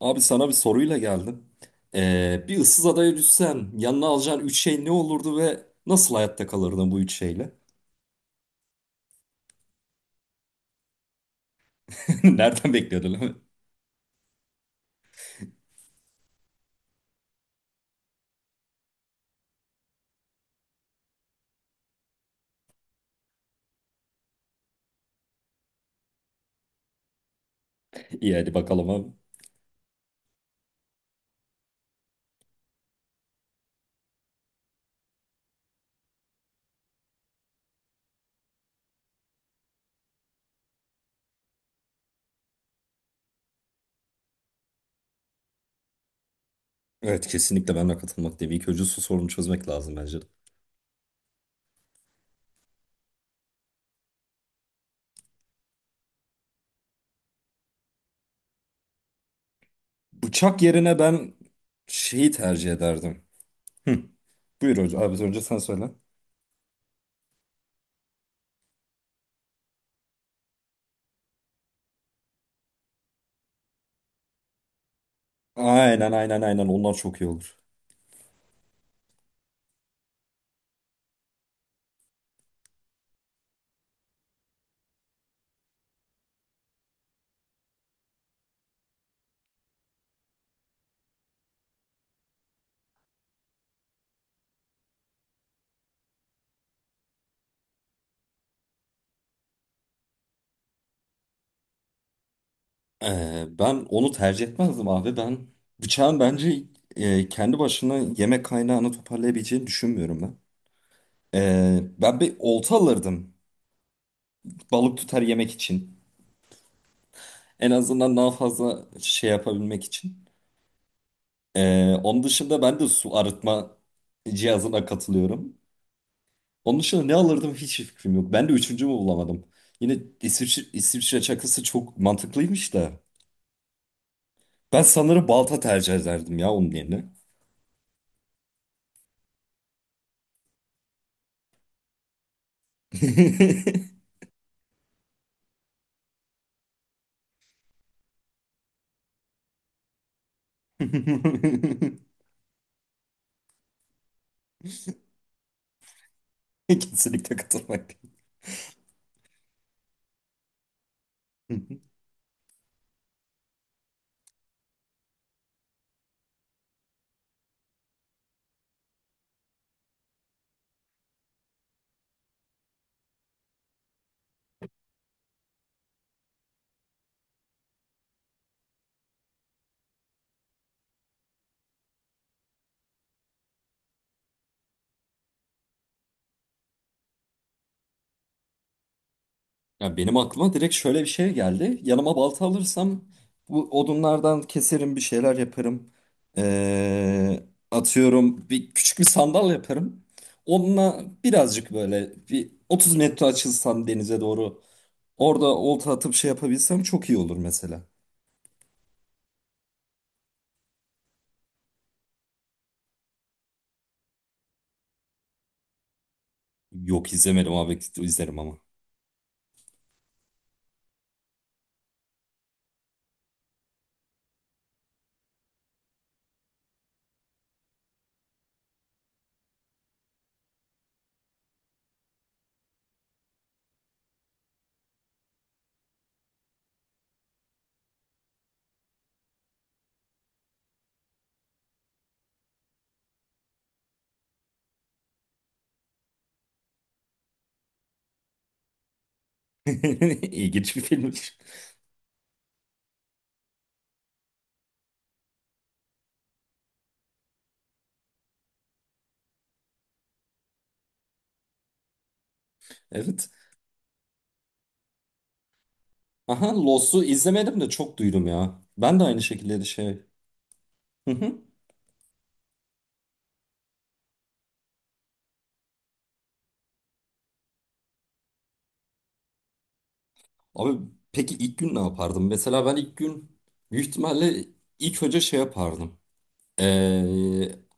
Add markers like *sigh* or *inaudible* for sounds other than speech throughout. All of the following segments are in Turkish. Abi sana bir soruyla geldim. Bir ıssız adaya düşsen yanına alacağın üç şey ne olurdu ve nasıl hayatta kalırdın bu üç şeyle? *laughs* Nereden bekliyordun lan? İyi hadi bakalım abi. Evet kesinlikle ben de katılmak değil. İlk önce su sorunu çözmek lazım bence de. Bıçak yerine ben tercih ederdim. Hı. Buyur hocam. Abi önce sen söyle. Aynen, onlar çok iyi olur. Ben onu tercih etmezdim abi. Bıçağın bence kendi başına yemek kaynağını toparlayabileceğini düşünmüyorum ben. Ben bir olta alırdım. Balık tutar yemek için. En azından daha fazla şey yapabilmek için. Onun dışında ben de su arıtma cihazına katılıyorum. Onun dışında ne alırdım hiç fikrim yok. Ben de üçüncümü bulamadım. Yine İsviçre çakısı çok mantıklıymış da. Ben sanırım balta tercih ederdim ya onun yerine. *laughs* Kesinlikle katılmak. Ya benim aklıma direkt şöyle bir şey geldi. Yanıma balta alırsam bu odunlardan keserim bir şeyler yaparım. Ee, Atıyorum bir küçük bir sandal yaparım. Onunla birazcık böyle bir 30 metre açılsam denize doğru orada olta atıp şey yapabilsem çok iyi olur mesela. Yok izlemedim abi izlerim ama. *laughs* İlginç bir filmmiş. Evet. Aha Lost'u izlemedim de çok duydum ya. Ben de aynı şekilde de şey. *laughs* Abi peki ilk gün ne yapardım? Mesela ben ilk gün büyük ihtimalle ilk önce şey yapardım. Ee...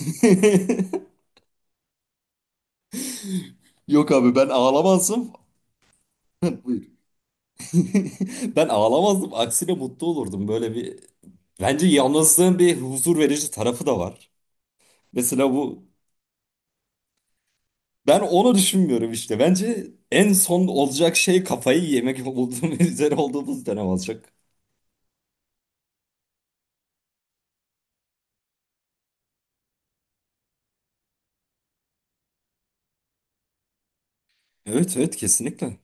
*laughs* Yok abi ben ağlamazdım. *laughs* Buyur. *laughs* Ben ağlamazdım. Aksine mutlu olurdum. Böyle bir bence yalnızlığın bir huzur verici tarafı da var. Mesela, ben onu düşünmüyorum işte. Bence en son olacak şey kafayı yemek olduğum *laughs* üzere olduğumuz dönem olacak. Evet evet kesinlikle.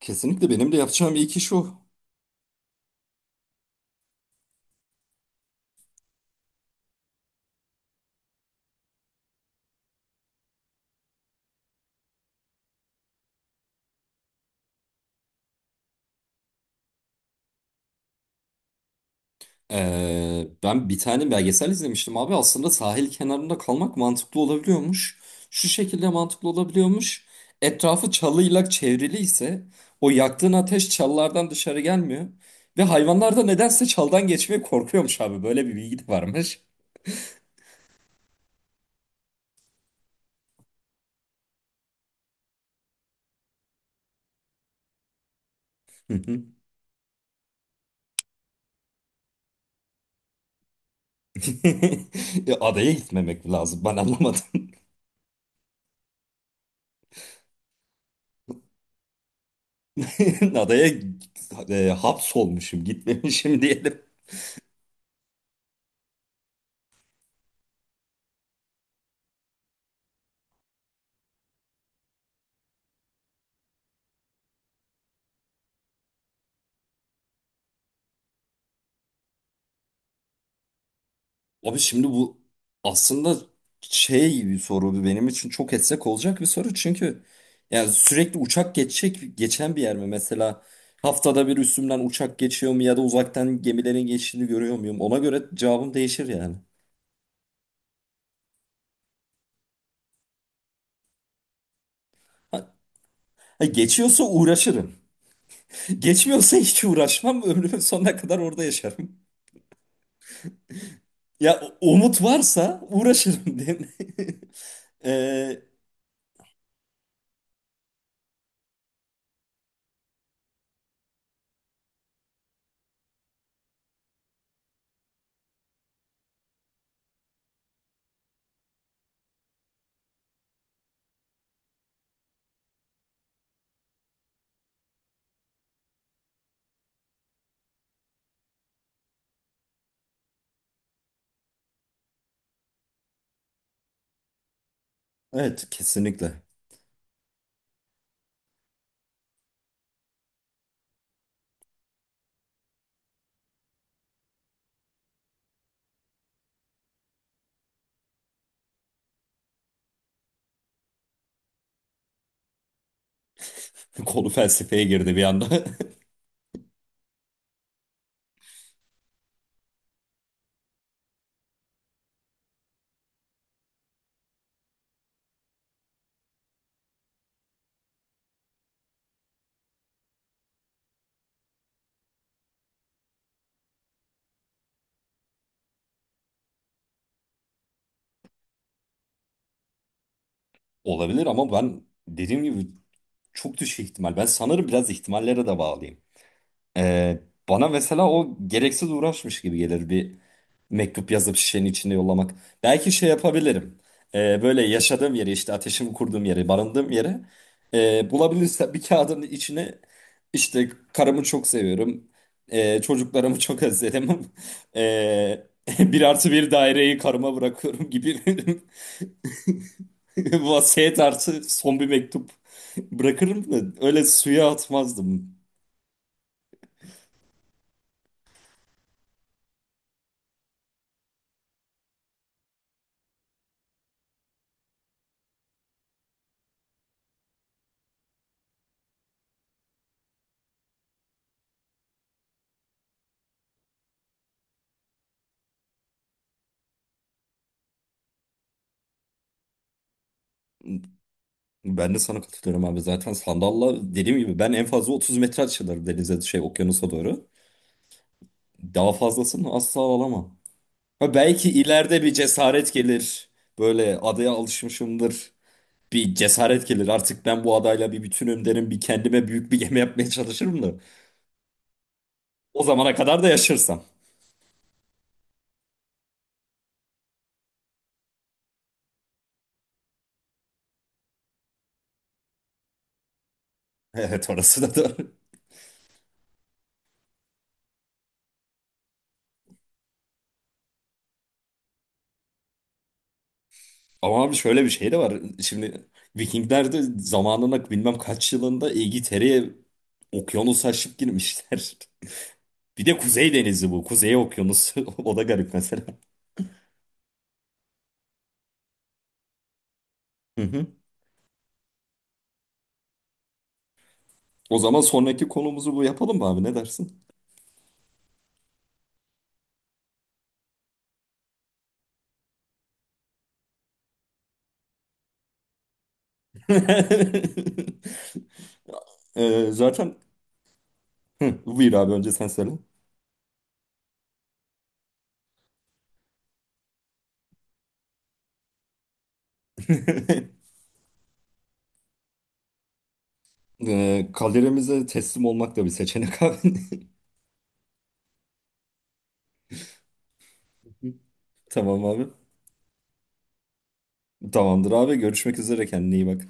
Kesinlikle benim de yapacağım ilk iş o. Ben bir tane belgesel izlemiştim abi. Aslında sahil kenarında kalmak mantıklı olabiliyormuş. Şu şekilde mantıklı olabiliyormuş. Etrafı çalıyla çevrili ise o yaktığın ateş çalılardan dışarı gelmiyor. Ve hayvanlar da nedense çaldan geçmeye korkuyormuş abi. Böyle bir bilgi de varmış. Hı hı. *laughs* E, adaya gitmemek lazım. Ben anlamadım. *laughs* Adaya hapsolmuşum, gitmemişim diyelim. Abi, şimdi bu aslında bir soru benim için çok etsek olacak bir soru çünkü yani sürekli uçak geçecek geçen bir yer mi mesela haftada bir üstümden uçak geçiyor mu ya da uzaktan gemilerin geçtiğini görüyor muyum ona göre cevabım değişir yani. Ha, ha, Geçiyorsa uğraşırım. *laughs* Geçmiyorsa hiç uğraşmam ömrümün sonuna kadar orada yaşarım. Umut varsa uğraşırım, *laughs* değil mi? *laughs* Ee, evet kesinlikle. *laughs* Konu felsefeye girdi bir anda. *laughs* Olabilir ama ben dediğim gibi çok düşük ihtimal. Ben sanırım biraz ihtimallere de bağlıyım. Ee, Bana mesela o gereksiz uğraşmış gibi gelir bir mektup yazıp şişenin içinde yollamak. Belki şey yapabilirim. Böyle yaşadığım yeri işte ateşimi kurduğum yeri, barındığım yeri bulabilirsem bir kağıdın içine işte karımı çok seviyorum. Çocuklarımı çok özledim. *laughs* E, *laughs* bir artı bir daireyi karıma bırakıyorum gibi. *laughs* *laughs* Vasiyet artı son bir mektup bırakırım da öyle suya atmazdım. Ben de sana katılıyorum abi. Zaten sandalla dediğim gibi ben en fazla 30 metre açılırım denize şey okyanusa doğru. Daha fazlasını asla alamam. Ha, belki ileride bir cesaret gelir. Böyle adaya alışmışımdır. Bir cesaret gelir. Artık ben bu adayla bir bütünüm derim. Bir kendime büyük bir gemi yapmaya çalışırım da. O zamana kadar da yaşarsam. *laughs* Evet orası da doğru. Ama abi şöyle bir şey de var. Şimdi Vikingler de zamanında bilmem kaç yılında İngiltere'ye okyanus aşıp girmişler. *laughs* Bir de Kuzey Denizi bu. Kuzey Okyanusu. *laughs* O da garip mesela. Hı hı. O zaman sonraki konumuzu bu yapalım mı abi? Ne dersin? *laughs* Ee, zaten hı, Buyur abi önce sen söyle. *laughs* Kaderimize teslim olmak da bir seçenek abi. *laughs* Tamam abi. Tamamdır abi. Görüşmek üzere. Kendine iyi bak.